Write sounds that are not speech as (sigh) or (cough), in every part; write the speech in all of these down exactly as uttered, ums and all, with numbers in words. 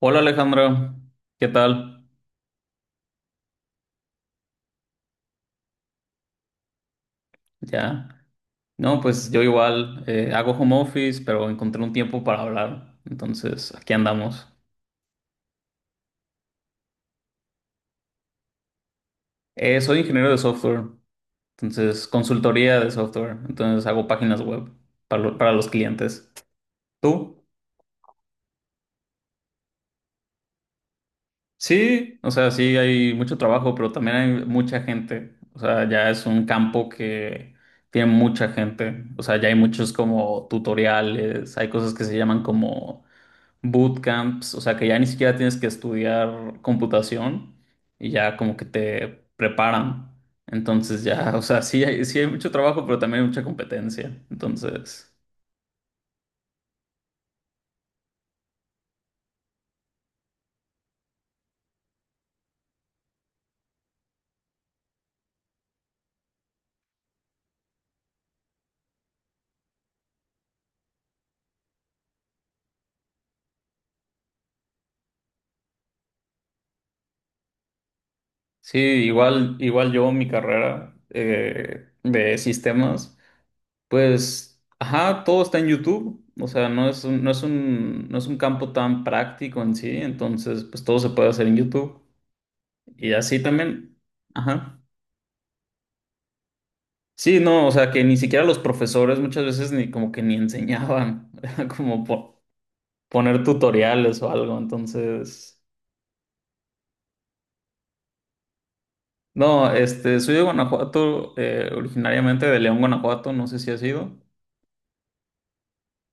Hola Alejandra, ¿qué tal? Ya. No, pues yo igual eh, hago home office, pero encontré un tiempo para hablar. Entonces, aquí andamos. Eh, soy ingeniero de software, entonces consultoría de software, entonces hago páginas web para, lo- para los clientes. ¿Tú? Sí, o sea, sí hay mucho trabajo, pero también hay mucha gente. O sea, ya es un campo que tiene mucha gente. O sea, ya hay muchos como tutoriales, hay cosas que se llaman como bootcamps, o sea que ya ni siquiera tienes que estudiar computación y ya como que te preparan. Entonces ya, o sea, sí hay, sí hay mucho trabajo, pero también hay mucha competencia. Entonces, sí, igual, igual yo, mi carrera eh, de sistemas, pues, ajá, todo está en YouTube. O sea, no es un, no es un, no es un campo tan práctico en sí, entonces, pues todo se puede hacer en YouTube. Y así también, ajá. Sí, no, o sea, que ni siquiera los profesores muchas veces ni como que ni enseñaban, (laughs) era como po- poner tutoriales o algo, entonces... No, este, soy de Guanajuato, eh, originariamente de León, Guanajuato, no sé si ha sido.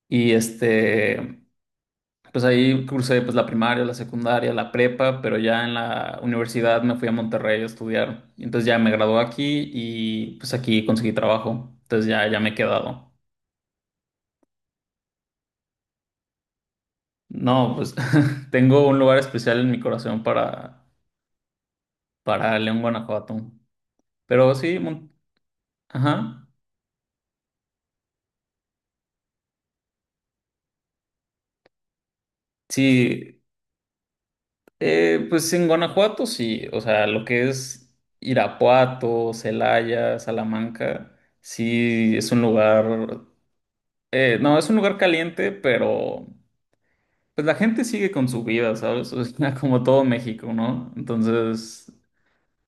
Y este, pues ahí cursé pues la primaria, la secundaria, la prepa, pero ya en la universidad me fui a Monterrey a estudiar. Y entonces ya me gradué aquí y pues aquí conseguí trabajo, entonces ya, ya me he quedado. No, pues (laughs) tengo un lugar especial en mi corazón para para León, Guanajuato. Pero sí, Mon- ajá. Sí, eh, pues en Guanajuato sí, o sea, lo que es Irapuato, Celaya, Salamanca, sí es un lugar, eh, no, es un lugar caliente, pero pues la gente sigue con su vida, ¿sabes? (laughs) O sea, como todo México, ¿no? Entonces,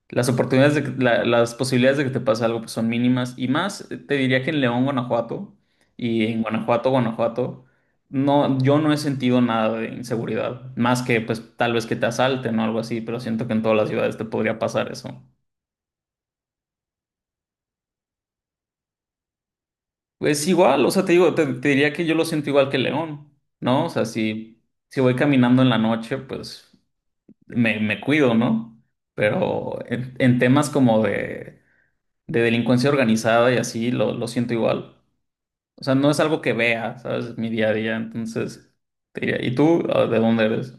las oportunidades de que- la- las posibilidades de que te pase algo pues, son mínimas y más eh, te diría que en León, Guanajuato y en Guanajuato, Guanajuato, no, yo no he sentido nada de inseguridad, más que pues tal vez que te asalten o algo así, pero siento que en todas las ciudades te podría pasar eso. Es igual, o sea, te digo, te, te diría que yo lo siento igual que León, ¿no? O sea, si, si voy caminando en la noche, pues me, me cuido, ¿no? Pero en, en temas como de, de delincuencia organizada y así, lo lo siento igual. O sea, no es algo que vea, ¿sabes? Mi día a día, entonces te diría, ¿y tú ah, de dónde eres?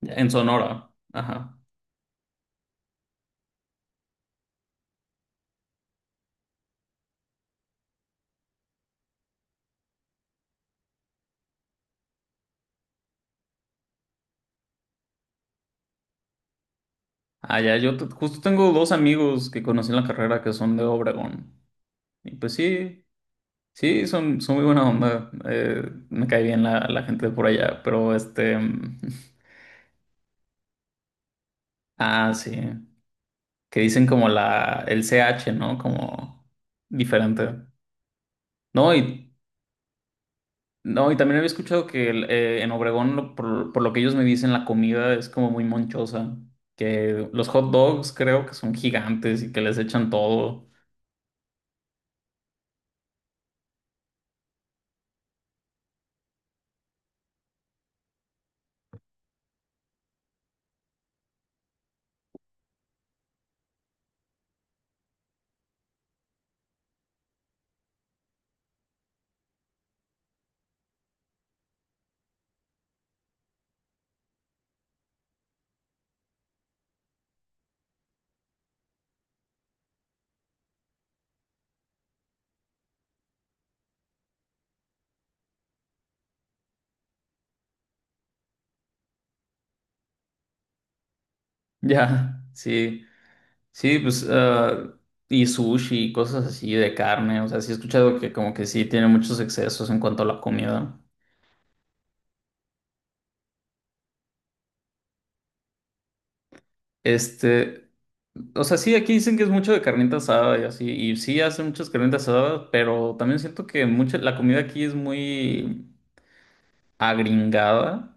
Ya, en Sonora, ajá. Ah, ya, yo t- justo tengo dos amigos que conocí en la carrera que son de Obregón. Y pues sí, sí, son, son muy buena onda. Eh, me cae bien la, la gente de por allá, pero este... mm, (laughs) Ah, sí, que dicen como la, el C H, ¿no? Como diferente. No, y No, y también había escuchado que el- eh, en Obregón, lo- por, por lo que ellos me dicen, la comida es como muy monchosa. Que los hot dogs creo que son gigantes y que les echan todo. (laughs) Ya, sí. Sí, pues, ah, y sushi y cosas así de carne. O sea, sí he escuchado que como que sí tiene muchos excesos en cuanto a la comida. Este, o sea, sí, aquí dicen que es mucho de carnita asada y así. Y sí hacen muchas carnitas asadas, pero también siento que mucha, la comida aquí es muy agringada.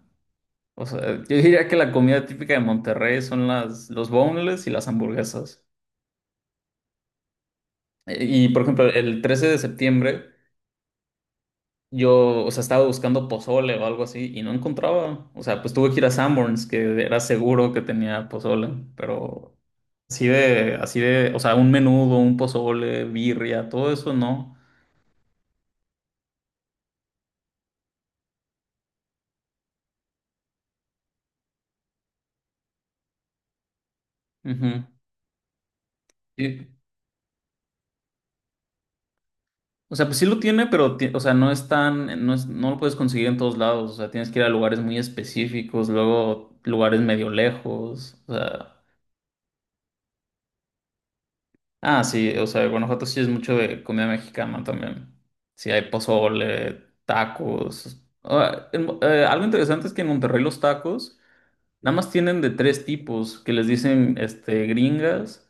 O sea, yo diría que la comida típica de Monterrey son las, los boneless y las hamburguesas. Eh, Y, por ejemplo, el trece de septiembre yo, o sea, estaba buscando pozole o algo así y no encontraba. O sea, pues tuve que ir a Sanborns, que era seguro que tenía pozole, pero así de, así de, o sea, un menudo, un pozole, birria, todo eso no. Ujú. Y- O sea, pues sí lo tiene, pero, ti- o sea, no es tan, no es- no lo puedes conseguir en todos lados. O sea, tienes que ir a lugares muy específicos, luego lugares medio lejos. O sea, ah, sí, o sea, Guanajuato sí es mucho de comida mexicana también. Sí, hay pozole, tacos. Ah, en Mo- eh, algo interesante es que en Monterrey los tacos nada más tienen de tres tipos, que les dicen, este, gringas,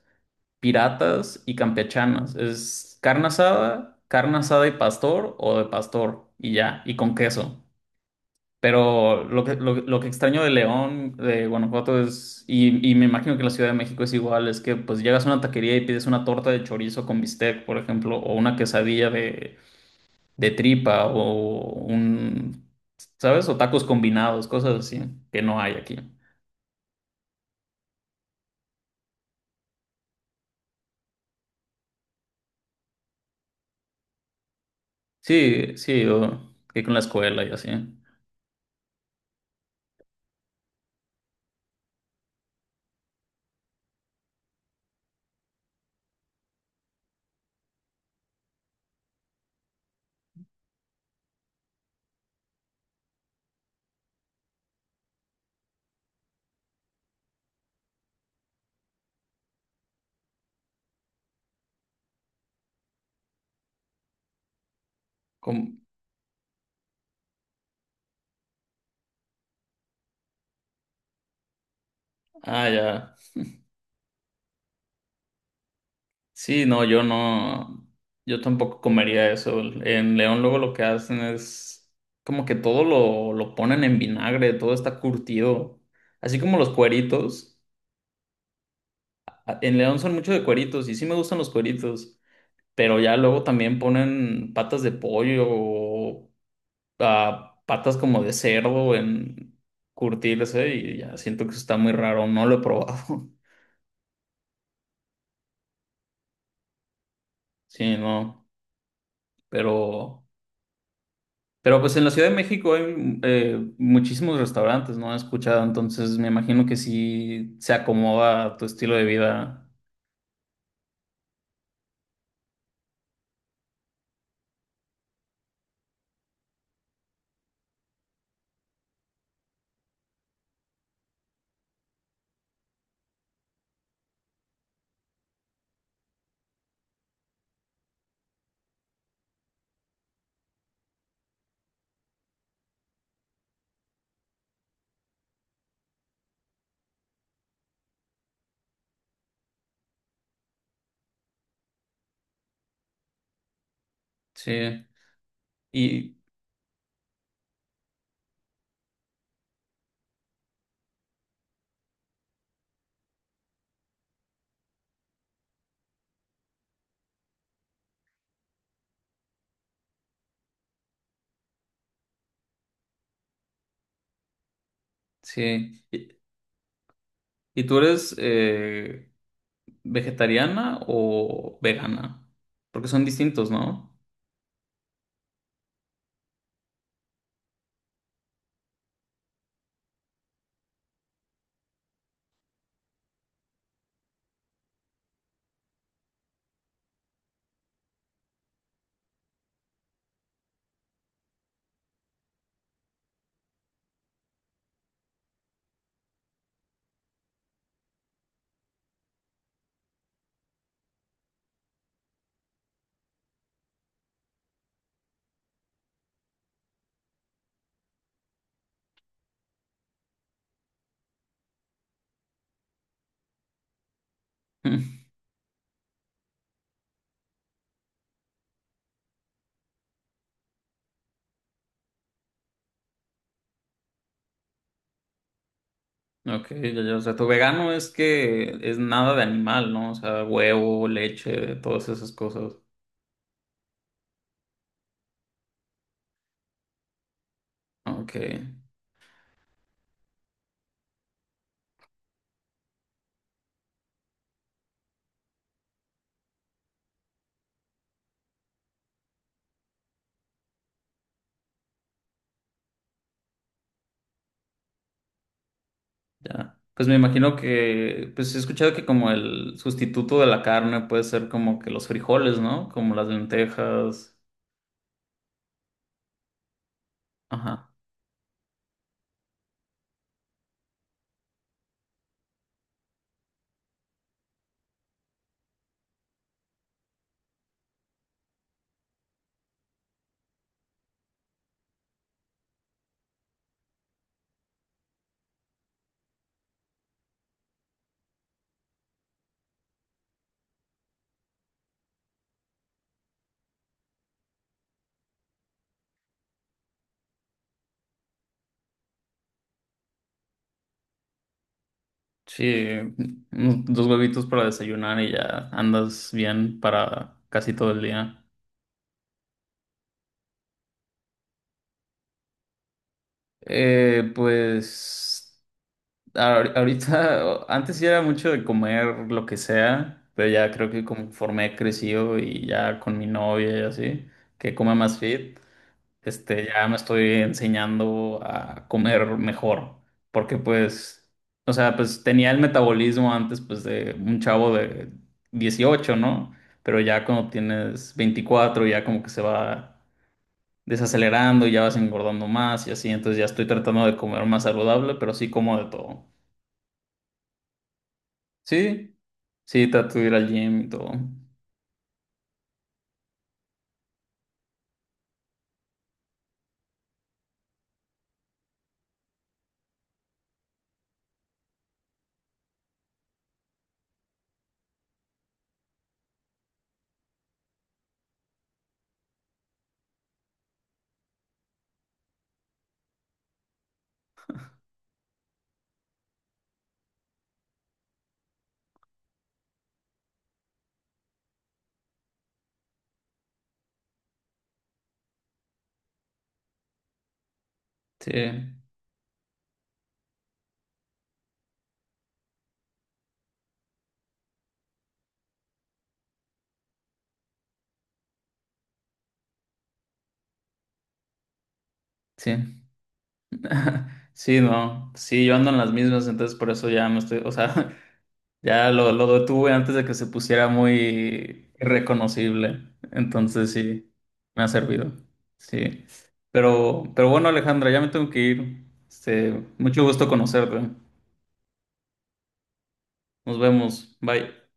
piratas y campechanas. Es carne asada, carne asada y pastor o de pastor y ya, y con queso. Pero lo que, lo, lo que extraño de León, de Guanajuato es, y, y me imagino que la Ciudad de México es igual, es que pues llegas a una taquería y pides una torta de chorizo con bistec, por ejemplo, o una quesadilla de, de tripa, o un, ¿sabes? O tacos combinados, cosas así, que no hay aquí. Sí, sí, o que con la escuela y así. Com- ah, ya. Sí, no, yo no, yo tampoco comería eso. En León luego lo que hacen es como que todo lo, lo ponen en vinagre, todo está curtido. Así como los cueritos. a- En León son mucho de cueritos y sí me gustan los cueritos, pero ya luego también ponen patas de pollo o ah, patas como de cerdo en curtirse y ya siento que eso está muy raro, no lo he probado. (laughs) Sí, no, pero... Pero pues en la Ciudad de México hay eh, muchísimos restaurantes, ¿no? He escuchado, entonces me imagino que sí se acomoda a tu estilo de vida. Sí. Y sí. ¿Y, y tú eres eh, vegetariana o vegana? Porque son distintos, ¿no? (laughs) Ok, ya, ya. O sea, tu vegano es que es nada de animal, ¿no? O sea, huevo, leche, todas esas cosas. Ok. Ya. Pues me imagino que, pues he escuchado que como el sustituto de la carne puede ser como que los frijoles, ¿no? Como las lentejas. Ajá. Sí, unos- dos huevitos para desayunar y ya andas bien para casi todo el día. Eh, pues ahori- ahorita, (laughs) o- antes sí era mucho de comer lo que sea, pero ya creo que conforme he crecido y ya con mi novia y así, que come más fit. Este, ya me estoy enseñando a comer mejor, porque pues, o sea, pues tenía el metabolismo antes, pues, de un chavo de dieciocho, ¿no? Pero ya cuando tienes veinticuatro ya como que se va desacelerando y ya vas engordando más y así, entonces ya estoy tratando de comer más saludable, pero sí como de todo. Sí, sí, trato de ir al gym y todo. Sí, sí. (laughs) Sí, no, sí, yo ando en las mismas, entonces por eso ya me estoy, o sea, (laughs) ya lo, lo detuve antes de que se pusiera muy irreconocible. Entonces sí, me ha servido. Sí. Pero, pero bueno, Alejandra, ya me tengo que ir. Este, mucho gusto conocerte. Nos vemos. Bye.